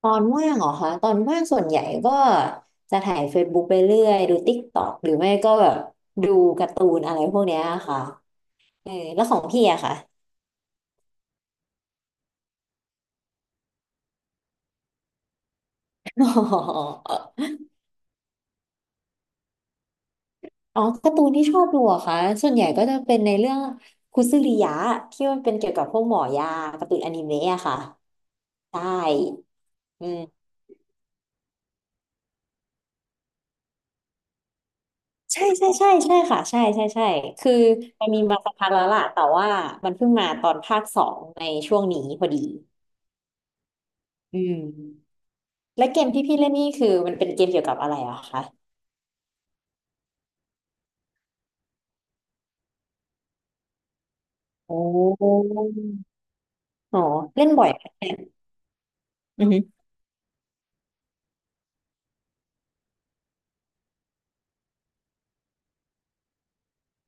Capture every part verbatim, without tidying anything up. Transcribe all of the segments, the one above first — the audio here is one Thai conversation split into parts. ตอนว่างเหรอคะตอนว่างส่วนใหญ่ก็จะถ่ายเฟซบุ๊กไปเรื่อยดู t กต็อกหรือไม่ก็แบบดูการ์ตูนอะไรพวกเนี้ยค่ะเออแล้วของพี่อะค่ะ อ๋ออ๋อการ์ตูนที่ชอบดูอะค่ะส่วนใหญ่ก็จะเป็นในเรื่องคุซึริยะที่มันเป็นเกี่ยวกับพวกหมอยาการ์ตูนอนิเมะอะค่ะใช่อืมใช่ใช่ใช่ใช่ค่ะใช่ใช่ใช่คือมันมีมาสักพักแล้วล่ะแต่ว่ามันเพิ่งมาตอนภาคสองในช่วงนี้พอดีอืม และเกมที่พี่เล่นนี่คือมันเป็นเกมเกี่ยวกับอะไรอะคะโอ้อ๋อเล่นบ่อยไหมอือฮึ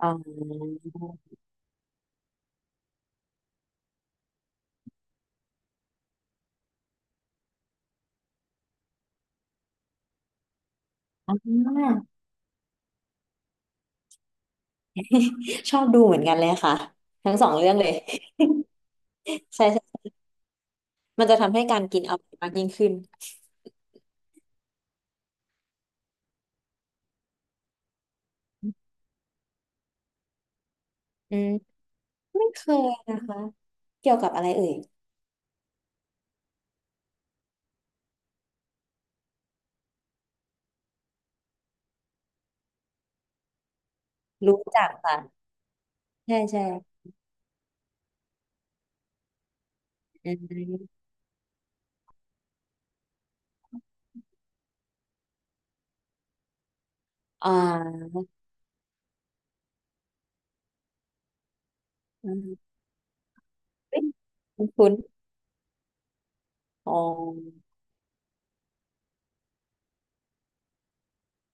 อออ่าชอบดูเหมือนกันเลยค่ะทั้งสองเรื่องเลย ใช่ใช่มันจะทำให้การกินอร่อยมากยิ่งขึ้นอืมไม่เคยนะคะเกี่ยวกับอะไรเอ่ยรู้จักค่ะใช่ใช่อืมอ่าอืมเฮ้ยคุ้นๆอ๋อ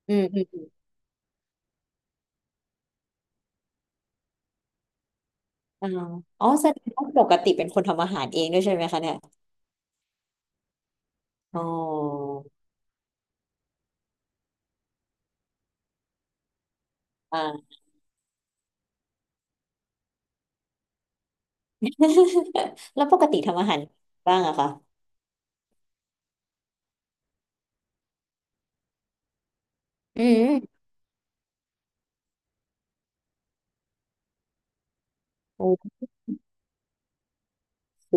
อืมอืมอ่าอ๋อแสดงว่าปกติเป็นคนทำอาหารเองด้วยใช่ไหมคะเนี่ยอ๋ออ่า แล้วปกติทำอาหารบ้างอะคะอืมโอ้โ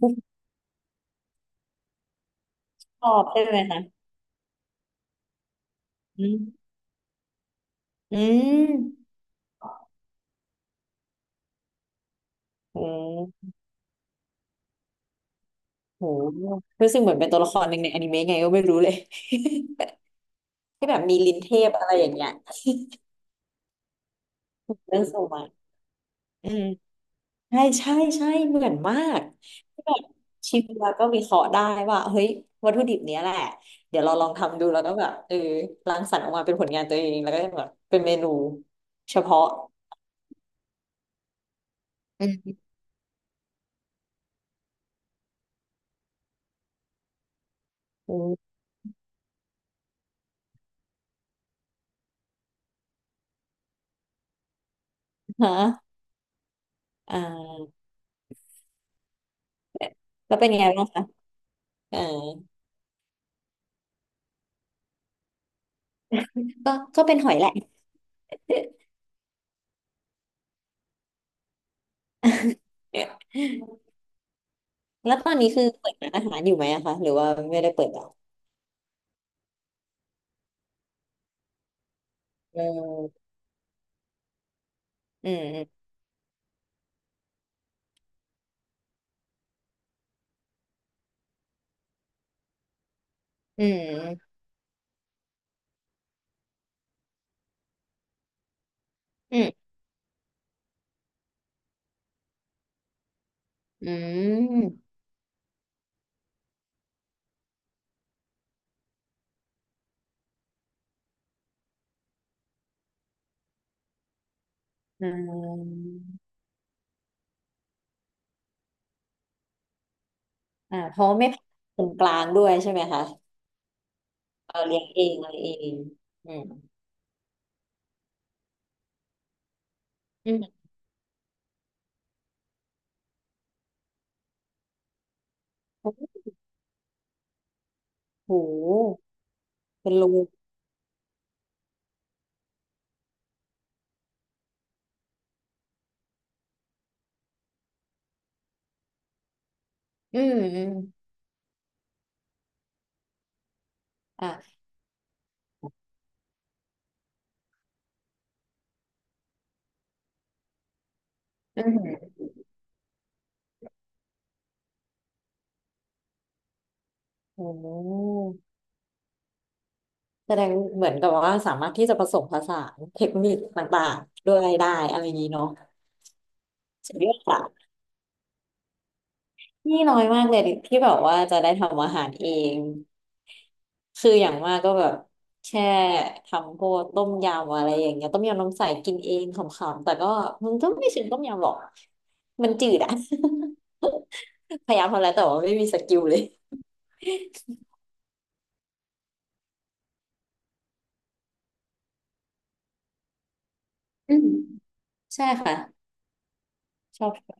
หชอบใช่ไหมคะอืมอืมโอ้โหรู้สึกเหมือนเป็นตัวละครหนึ่งในอนิเมะไงก็ไม่รู้เลย ที่แบบมีลิ้นเทพอะไรอย่างเงี้ยเรื่องโซมาอืมใช่ใช่ใช่เหมือนมากที่แบบชิมแล้วก็วิเคราะห์ได้ว่าเฮ้ยวัตถุดิบเนี้ยแหละเดี๋ยวเราลองทำดูแล้วก็แบบเออรังสรรค์ออกมาเป็นผลงานตัวเองแล้วก็แบบเป็นเมนูเฉพาะอืม ฮะอ่าแล้วเป็นยังไงบ้างคะเออก็ก็เป็นหอยแหละ แล้วตอนนี้คือเปิดร้านอาหารอยู่ไหมอะคะ หรือว่าไม่ได้เปิดแล้วเอออืมอืมอืมอืมอืมอ่าเพราะไม่ผ่านคนกลางด้วยใช่ไหมคะเออเลี้ยงเองอะไรเองอืมอืมโอ้โหเป็นรูอืมอืมอ่ะอืมโอ้ แสดงเหมือนกับว่าสามารถที่จะผสมผสานเทคนิคต่างๆด้วยได้อะไรอย่างนี้เนาะสุดยอดอะนี่น้อยมากเลยที่แบบว่าจะได้ทำอาหารเองคืออย่างมากก็แบบแค่ทำพวกต้มยำอะไรอย่างเงี้ยต้มยำน้ำใสกินเองขำๆแต่ก็มันก็ไม่ถึงต้มยำหรอกมันจืดอะ พยายามทำแล้วแต่ว่าไม่มีสกิลเลยอืมใช่ค่ะชอบ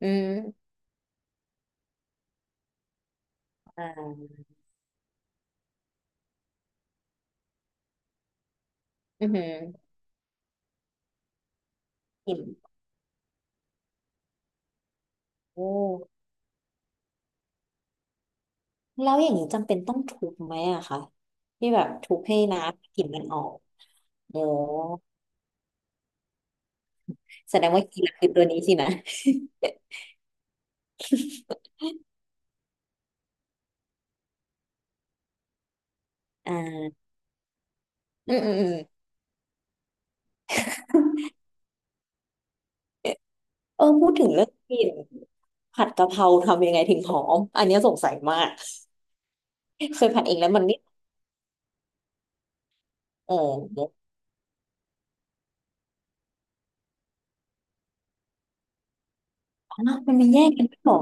อืมอ่าอือหืออิ่มโอ้ แล้วอย่างนี้จำเป็นต้องทุบไหมอะคะที่แบบทุบให้น้ำกลิ่นมันออกโอ้แสดงว่ากินคือตัวนี้สินะอ่าอืมอืมอืมเออพูดถึงเรื่องกลิ่นผัดกะเพราทำยังไงถึงหอมอันเนี้ยสงสัยมาก เคยผัดเองแล้วมันไม่เอออ๋อมันไม่แยกกันด้วยเหรอ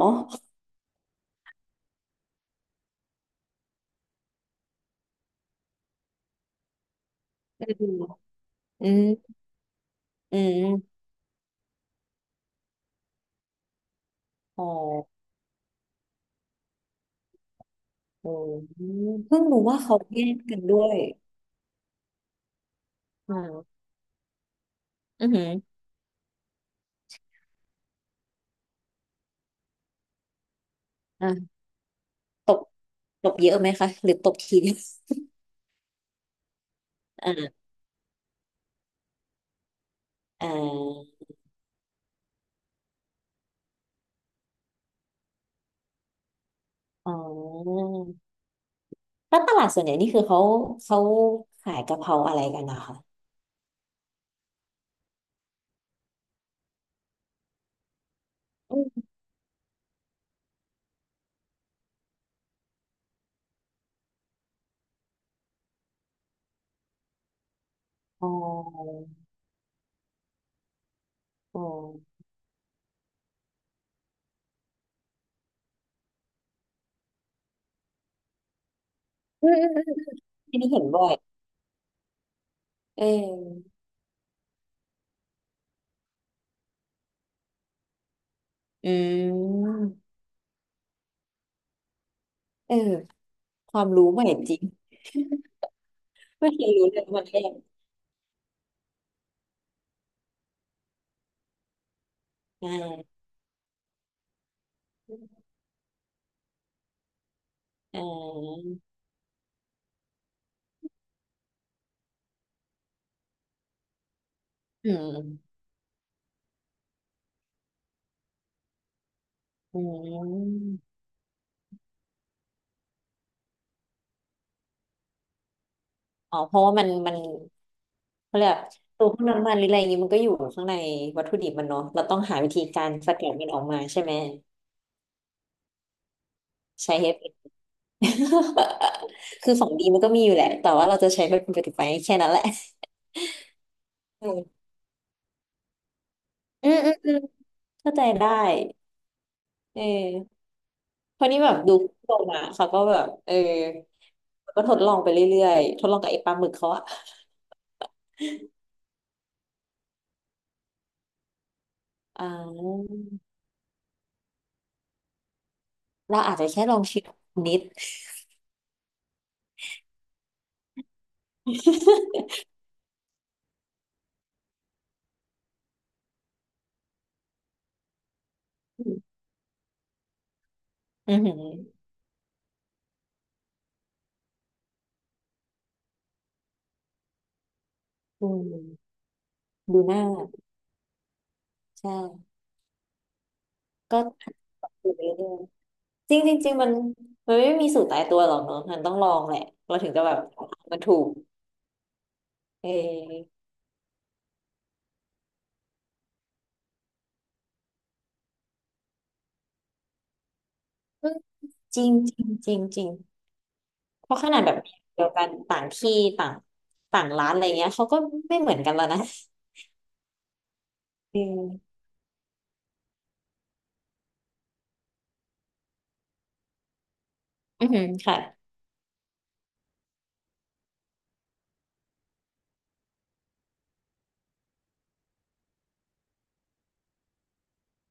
อืมอืมอืมอ๋ออืมเพิ่งรู้ว่าเขาแยกกันด้วยอ่าอือหืออ่าตบตบเยอะไหมคะหรือตบที เดียวอ่าอ่า อ๋อแล้วตลาดส่วนใหญ่นี่คือเขาเขาขายกะเพราอะไรกันนะคะอมอ๋ออ๋ออืมอืมอืมอันนี้เห็นบ่อยเอออืมเออความรู้ใหม่จริงไม่เคยรู้เลยว่ามันแค่อ่าอ่าอืมอืมอ๋อเพราะว่ามันมันเขาเรียกว่าตัวพวกน้ำมันหรืออะไรอย่างงี้มันก็อยู่ข้างในวัตถุดิบมันเนาะเราต้องหาวิธีการสกัดมันออกมาใช่ไหมใช้เฮ คือของดีมันก็มีอยู่แหละแต่ว่าเราจะใช้มันเป็นประโยชน์ไปแค่นั้นแหละอืมอืมอืมอืมเข้าใจได้เออเพราะนี่แบบดูโปรมาเขาก็แบบเออก็ทดลองไปเรื่อยๆทดลองกับไอ้ปลาหมึกเขาอะอ่าเราอาจจะแค่ลองชิมนิด อือหืออืมดูหน้าใช่ก็หัดดูไปเรื่อยๆจริงจริงจริงมันมันไม่มีสูตรตายตัวหรอกเนอะมันต้องลองแหละเราถึงจะแบบมันถูกเออ จริงจริงจริงจริงเพราะขนาดแบบเดียวกันต่างที่ต่างต่างร้านอะไรเงี้ยเขาก็ไม่เหมือนกันแล้วนะอืมอือหือค่ะ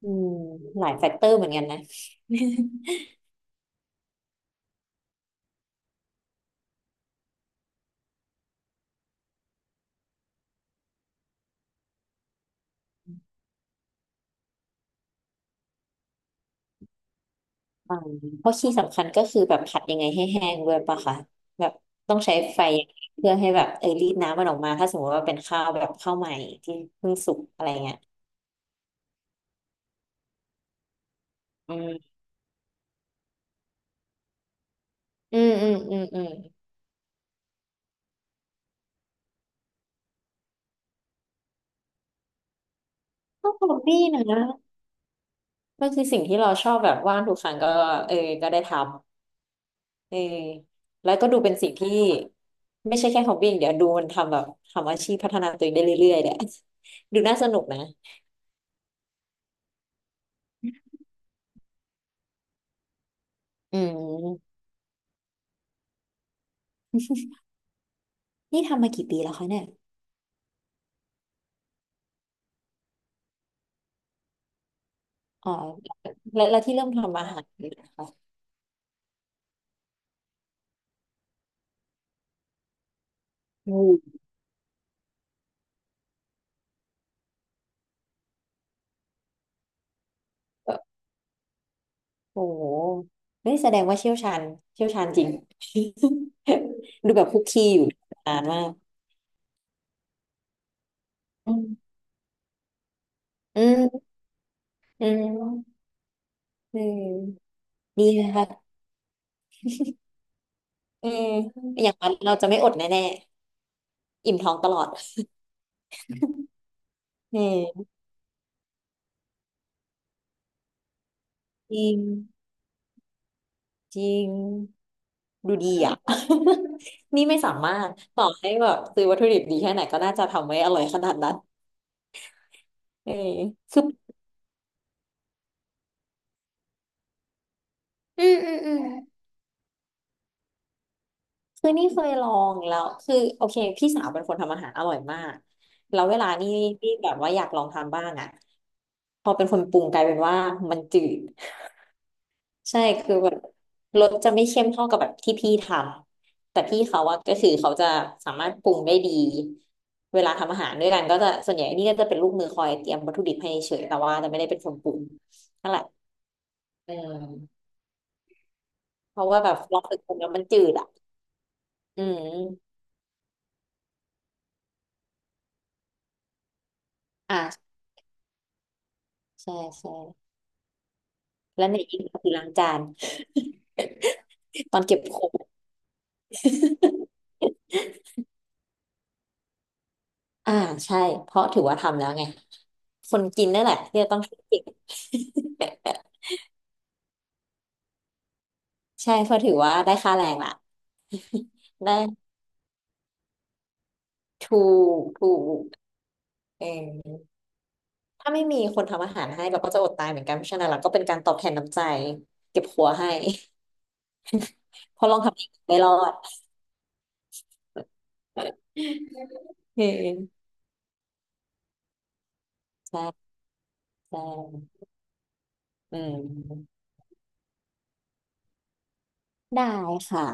อืมหลายแฟกเตอร์เหมือนกันนะ อ่าเพราะที่สำคัญก็คือแบบผัดยังไงให้แห้งด้วยปะคะแบบต้องใช้ไฟเพื่อให้แบบเออรีดน้ำมันออกมาถ้าสมมติว่าเป็นข้าวแบบข้าวใหม่ที่เพิ่งสุกอะไรเงี้ยอืมอืมอืมอืมอืมก็ฮอบบี้นะมันคือสิ่งที่เราชอบแบบว่างทุกครั้งก็เออก็ได้ทำ เออ แล้วก็ดูเป็นสิ่งที่ไม่ใช่แค่ฮอบบี้อย่างเดี๋ยวดูมันทำแบบทำอาชีพพัฒนาตัวเองได้เรื่อยๆเนี่ยดูน่าสนุกนะอืมนี่ทำมากี่ปีแล้วคะเนี่ยอ๋อแล้วแล้วที่เริ่มทำอาหารนะคะอืมโอ้โหนี่แสดงว่าเชี่ยวชาญเชี่ยวชาญจริง ดูแบบคุกคีอยู่นานมากอืมอืมอืมอืมดีนะคะอืมอย่างนั้นเราจะไม่อดแน่ๆอิ่มท้องตลอดอืมจริง จริงดูดีอ่ะ นี่ไม่สามารถต่อให้แบบซื้อวัตถุดิบดีแค่ไหนก็น่าจะทำไม่อร่อยขนาดนั้นเออคืออืมอืมอืมคือนี่เคยลองแล้วคือโอเคพี่สาวเป็นคนทำอาหารอร่อยมากแล้วเวลานี่นี่แบบว่าอยากลองทำบ้างอ่ะพอเป็นคนปรุงกลายเป็นว่ามันจืด ใช่ คือแบบรสจะไม่เข้มเท่ากับแบบที่พี่ทำ แต่พี่เขาอะก็คือเขาจะสามารถปรุงได้ดี เวลาทำอาหารด้วยกันก็จะส่วนใหญ่นี่ก็จะเป็นลูกมือคอยเตรียมวัตถุดิบให้เฉยแต่ว่าจะไม่ได้เป็นคนปรุงนั่นแหละอืมเพราะว่าแบบลองฝึกปรุงแล้วมันจืดอ่ะอืมอ่ะใช่ใช่แล้วในอีกก็คือล้างจาน ตอนเก็บของ อ่าใช่เพราะถือว่าทำแล้วไงคนกินนั่นแหละที่จะต้องคิดเก่ง ใช่เพราะถือว่าได้ค่าแรงละ ได้ถูกถูกเออถ้าไม่มีคนทำอาหารให้เราก็จะอดตายเหมือนกันเพราะฉะนั้นเราก็เป็นการตอบแทนน้ำใจเก็บหัวให้ เพราะลองทำเองไม่รอด เออใช่ใช่อืมได้ค่ะ